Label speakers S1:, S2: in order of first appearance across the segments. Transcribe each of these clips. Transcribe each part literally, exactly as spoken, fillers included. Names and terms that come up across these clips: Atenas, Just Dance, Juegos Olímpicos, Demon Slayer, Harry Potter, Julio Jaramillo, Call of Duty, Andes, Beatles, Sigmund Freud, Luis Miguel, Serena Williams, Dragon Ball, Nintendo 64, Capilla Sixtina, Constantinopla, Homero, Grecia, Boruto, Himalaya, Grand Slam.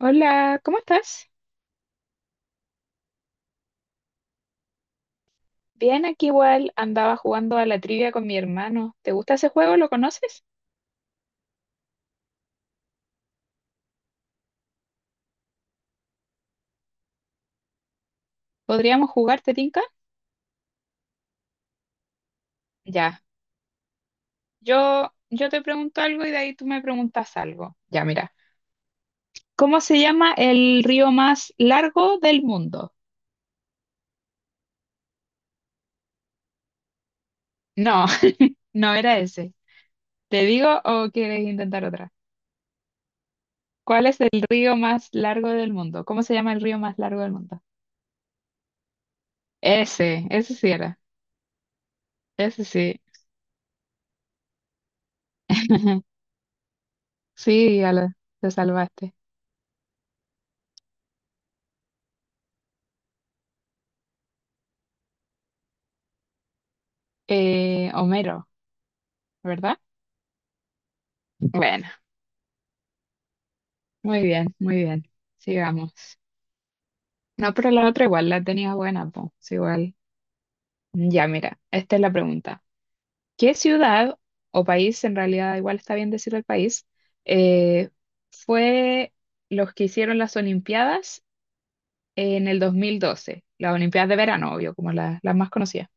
S1: Hola, ¿cómo estás? Bien, aquí igual andaba jugando a la trivia con mi hermano. ¿Te gusta ese juego? ¿Lo conoces? ¿Podríamos jugar, te tinca? Ya. Yo, yo te pregunto algo y de ahí tú me preguntas algo. Ya, mira. ¿Cómo se llama el río más largo del mundo? No, no era ese. ¿Te digo o quieres intentar otra? ¿Cuál es el río más largo del mundo? ¿Cómo se llama el río más largo del mundo? Ese, ese sí era. Ese sí. Sí, ala, te salvaste. Eh, Homero, ¿verdad? Bueno, muy bien, muy bien. Sigamos. No, pero la otra igual la tenía buena, pues, igual. Ya, mira, esta es la pregunta. ¿Qué ciudad o país, en realidad igual está bien decir el país, eh, fue los que hicieron las Olimpiadas en el dos mil doce? Las Olimpiadas de verano, obvio, como la- las más conocidas.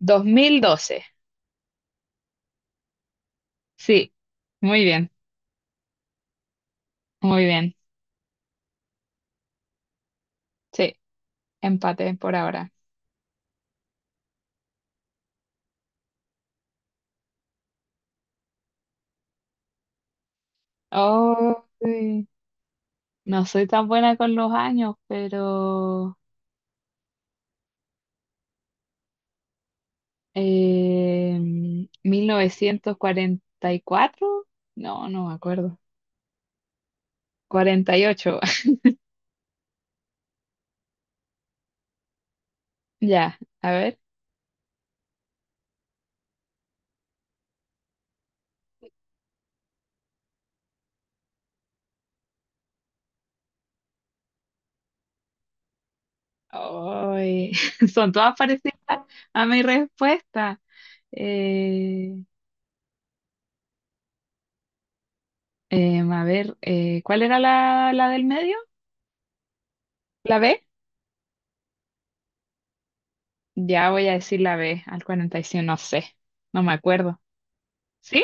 S1: dos mil doce, sí. Muy bien, muy bien. Sí, empate por ahora. Oh, sí. No soy tan buena con los años, pero eh, mil novecientos cuarenta y cuatro no, no me acuerdo. Cuarenta y ocho. Ya, a ver. Ay, son todas parecidas a mi respuesta. Eh, em, a ver, eh, ¿cuál era la, la del medio? ¿La B? Ya voy a decir la B, al cuarenta y cinco no sé, no me acuerdo. ¿Sí?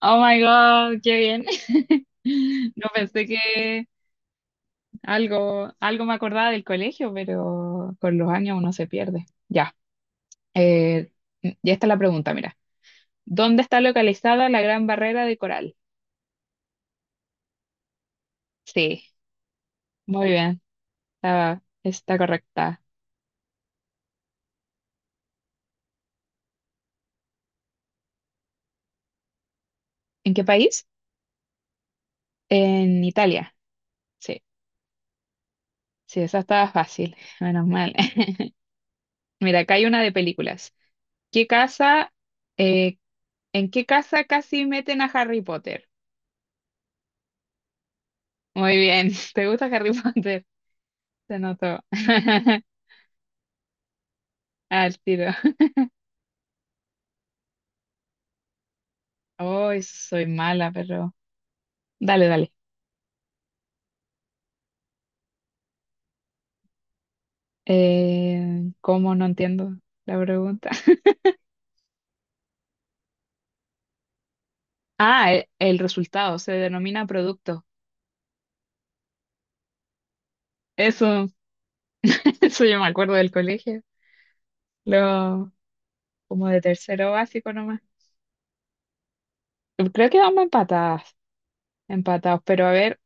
S1: Oh my God, qué bien. No pensé que. Algo, algo me acordaba del colegio, pero con los años uno se pierde. Ya, eh, ya está la pregunta, mira. ¿Dónde está localizada la Gran Barrera de Coral? Sí, muy bien, está, está correcta. ¿En qué país? En Italia. Sí, sí, esa estaba fácil, menos mal. Mira, acá hay una de películas. ¿Qué casa, eh, en qué casa casi meten a Harry Potter? Muy bien, ¿te gusta Harry Potter? Se notó. Al tiro. Hoy soy mala, pero dale, dale. Eh, ¿cómo no entiendo la pregunta? Ah, e- el, resultado se denomina producto. Eso, eso yo me acuerdo del colegio, lo, como de tercero básico nomás. Creo que vamos empatadas, empatados, pero a ver,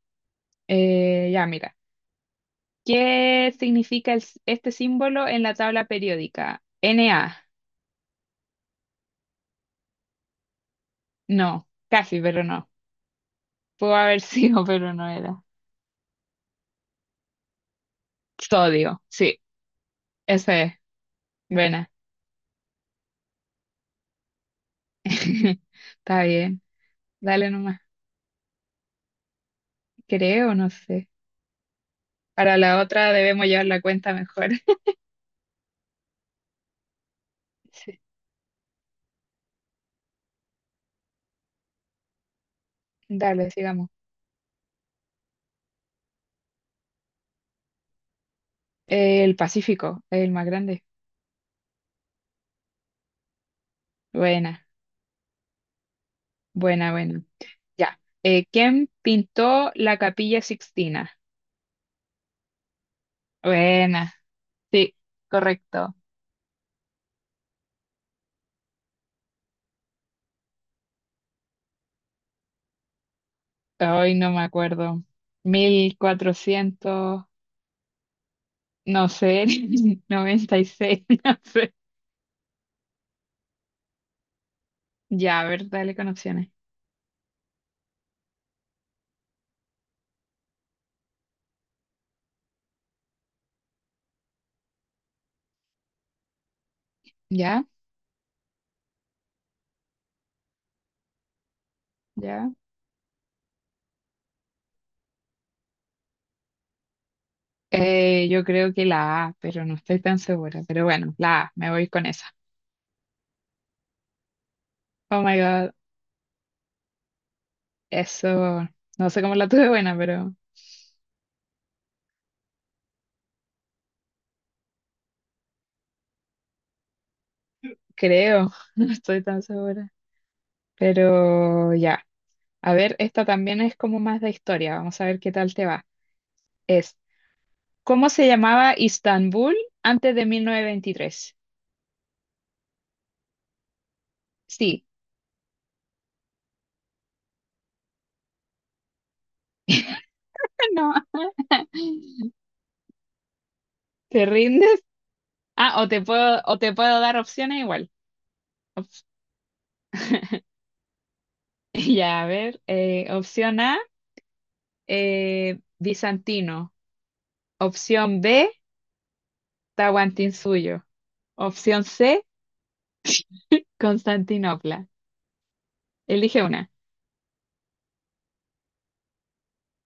S1: eh, ya mira. ¿Qué significa el s- este símbolo en la tabla periódica? Na. No, casi, pero no. Pudo haber sido, pero no era. Sodio, sí, ese es. Buena. Está bien, dale nomás. Creo, no sé. Para la otra debemos llevar la cuenta mejor. Sí. Dale, sigamos. Eh, el Pacífico, el más grande. Buena, buena, buena. Ya. Eh, ¿quién pintó la Capilla Sixtina? Buena, sí, correcto. Hoy no me acuerdo. Mil cuatrocientos no sé, noventa y seis. No sé. Ya, a ver, dale con opciones. ¿Ya? ¿Ya? Eh, yo creo que la A, pero no estoy tan segura. Pero bueno, la A, me voy con esa. Oh my God, eso, no sé cómo la tuve buena, pero creo, no estoy tan segura. Pero ya, a ver, esta también es como más de historia, vamos a ver qué tal te va. Es, ¿Cómo se llamaba Istanbul antes de mil novecientos veintitrés? Sí, no, ¿te rindes? Ah, o te puedo, o te puedo dar opciones igual. Op- ya, a ver, eh, opción A, eh, bizantino. Opción B, Tahuantinsuyo. Opción C, Constantinopla. Elige una.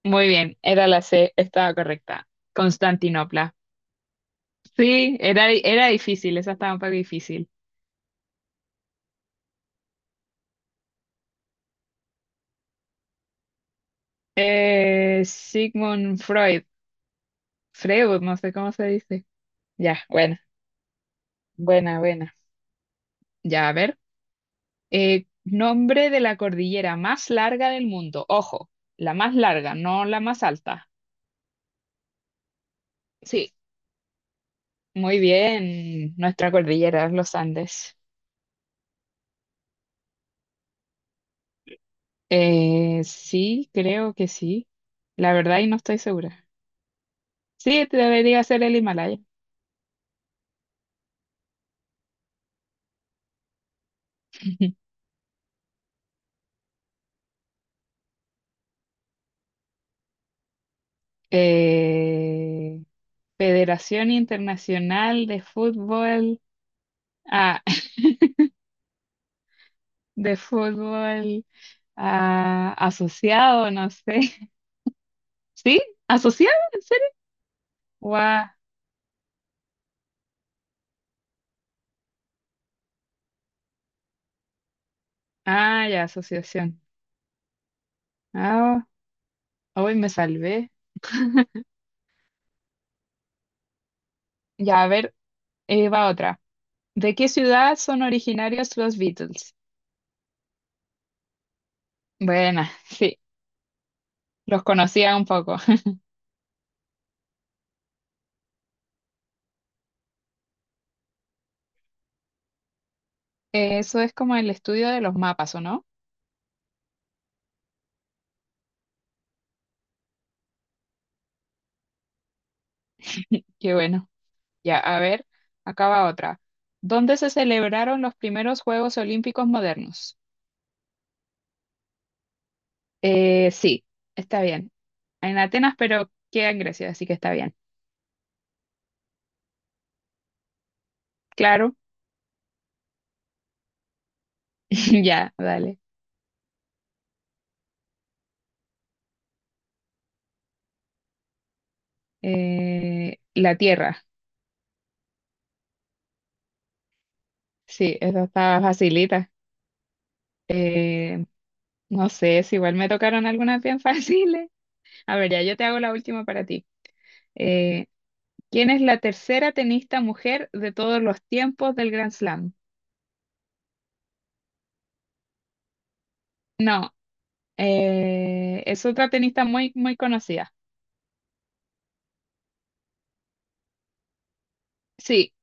S1: Muy bien, era la C, estaba correcta. Constantinopla. Sí, era, era difícil, esa estaba un poco difícil. Eh, Sigmund Freud. Freud, no sé cómo se dice. Ya, buena, buena, buena. Ya, a ver. Eh, nombre de la cordillera más larga del mundo. Ojo, la más larga, no la más alta. Sí, muy bien. Nuestra cordillera, los Andes. Eh, sí, creo que sí. La verdad, y no estoy segura. Sí, te debería ser el Himalaya. Eh, Federación Internacional de Fútbol, ah, de fútbol ah, asociado, no sé. ¿Sí? ¿Asociado? ¿En serio? Guau. Ah, ya, asociación. Ah, hoy me salvé. Ya, a ver, eh, va otra. ¿De qué ciudad son originarios los Beatles? Buena, sí, los conocía un poco. Eso es como el estudio de los mapas, ¿o no? Qué bueno. Ya, a ver, acaba otra. ¿Dónde se celebraron los primeros Juegos Olímpicos modernos? Eh, sí, está bien. En Atenas, pero queda en Grecia, así que está bien. Claro, ya, dale. Eh, la Tierra, sí, esa está facilita. Eh, no sé, si igual me tocaron algunas bien fáciles. A ver, ya yo te hago la última para ti. Eh, ¿Quién es la tercera tenista mujer de todos los tiempos del Grand Slam? No, eh, es otra tenista muy, muy conocida. Sí,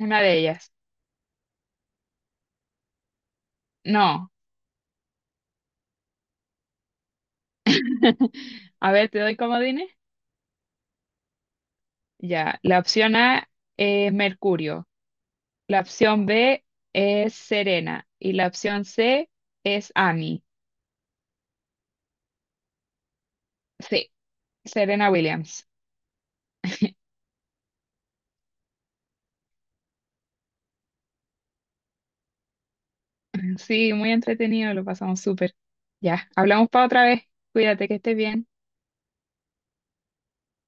S1: una de ellas. No, a ver, te doy comodines. Ya, la opción A es Mercurio, la opción B es Serena y la opción C es Annie. Sí, Serena Williams. Sí, muy entretenido, lo pasamos súper. Ya, hablamos para otra vez. Cuídate, que estés bien.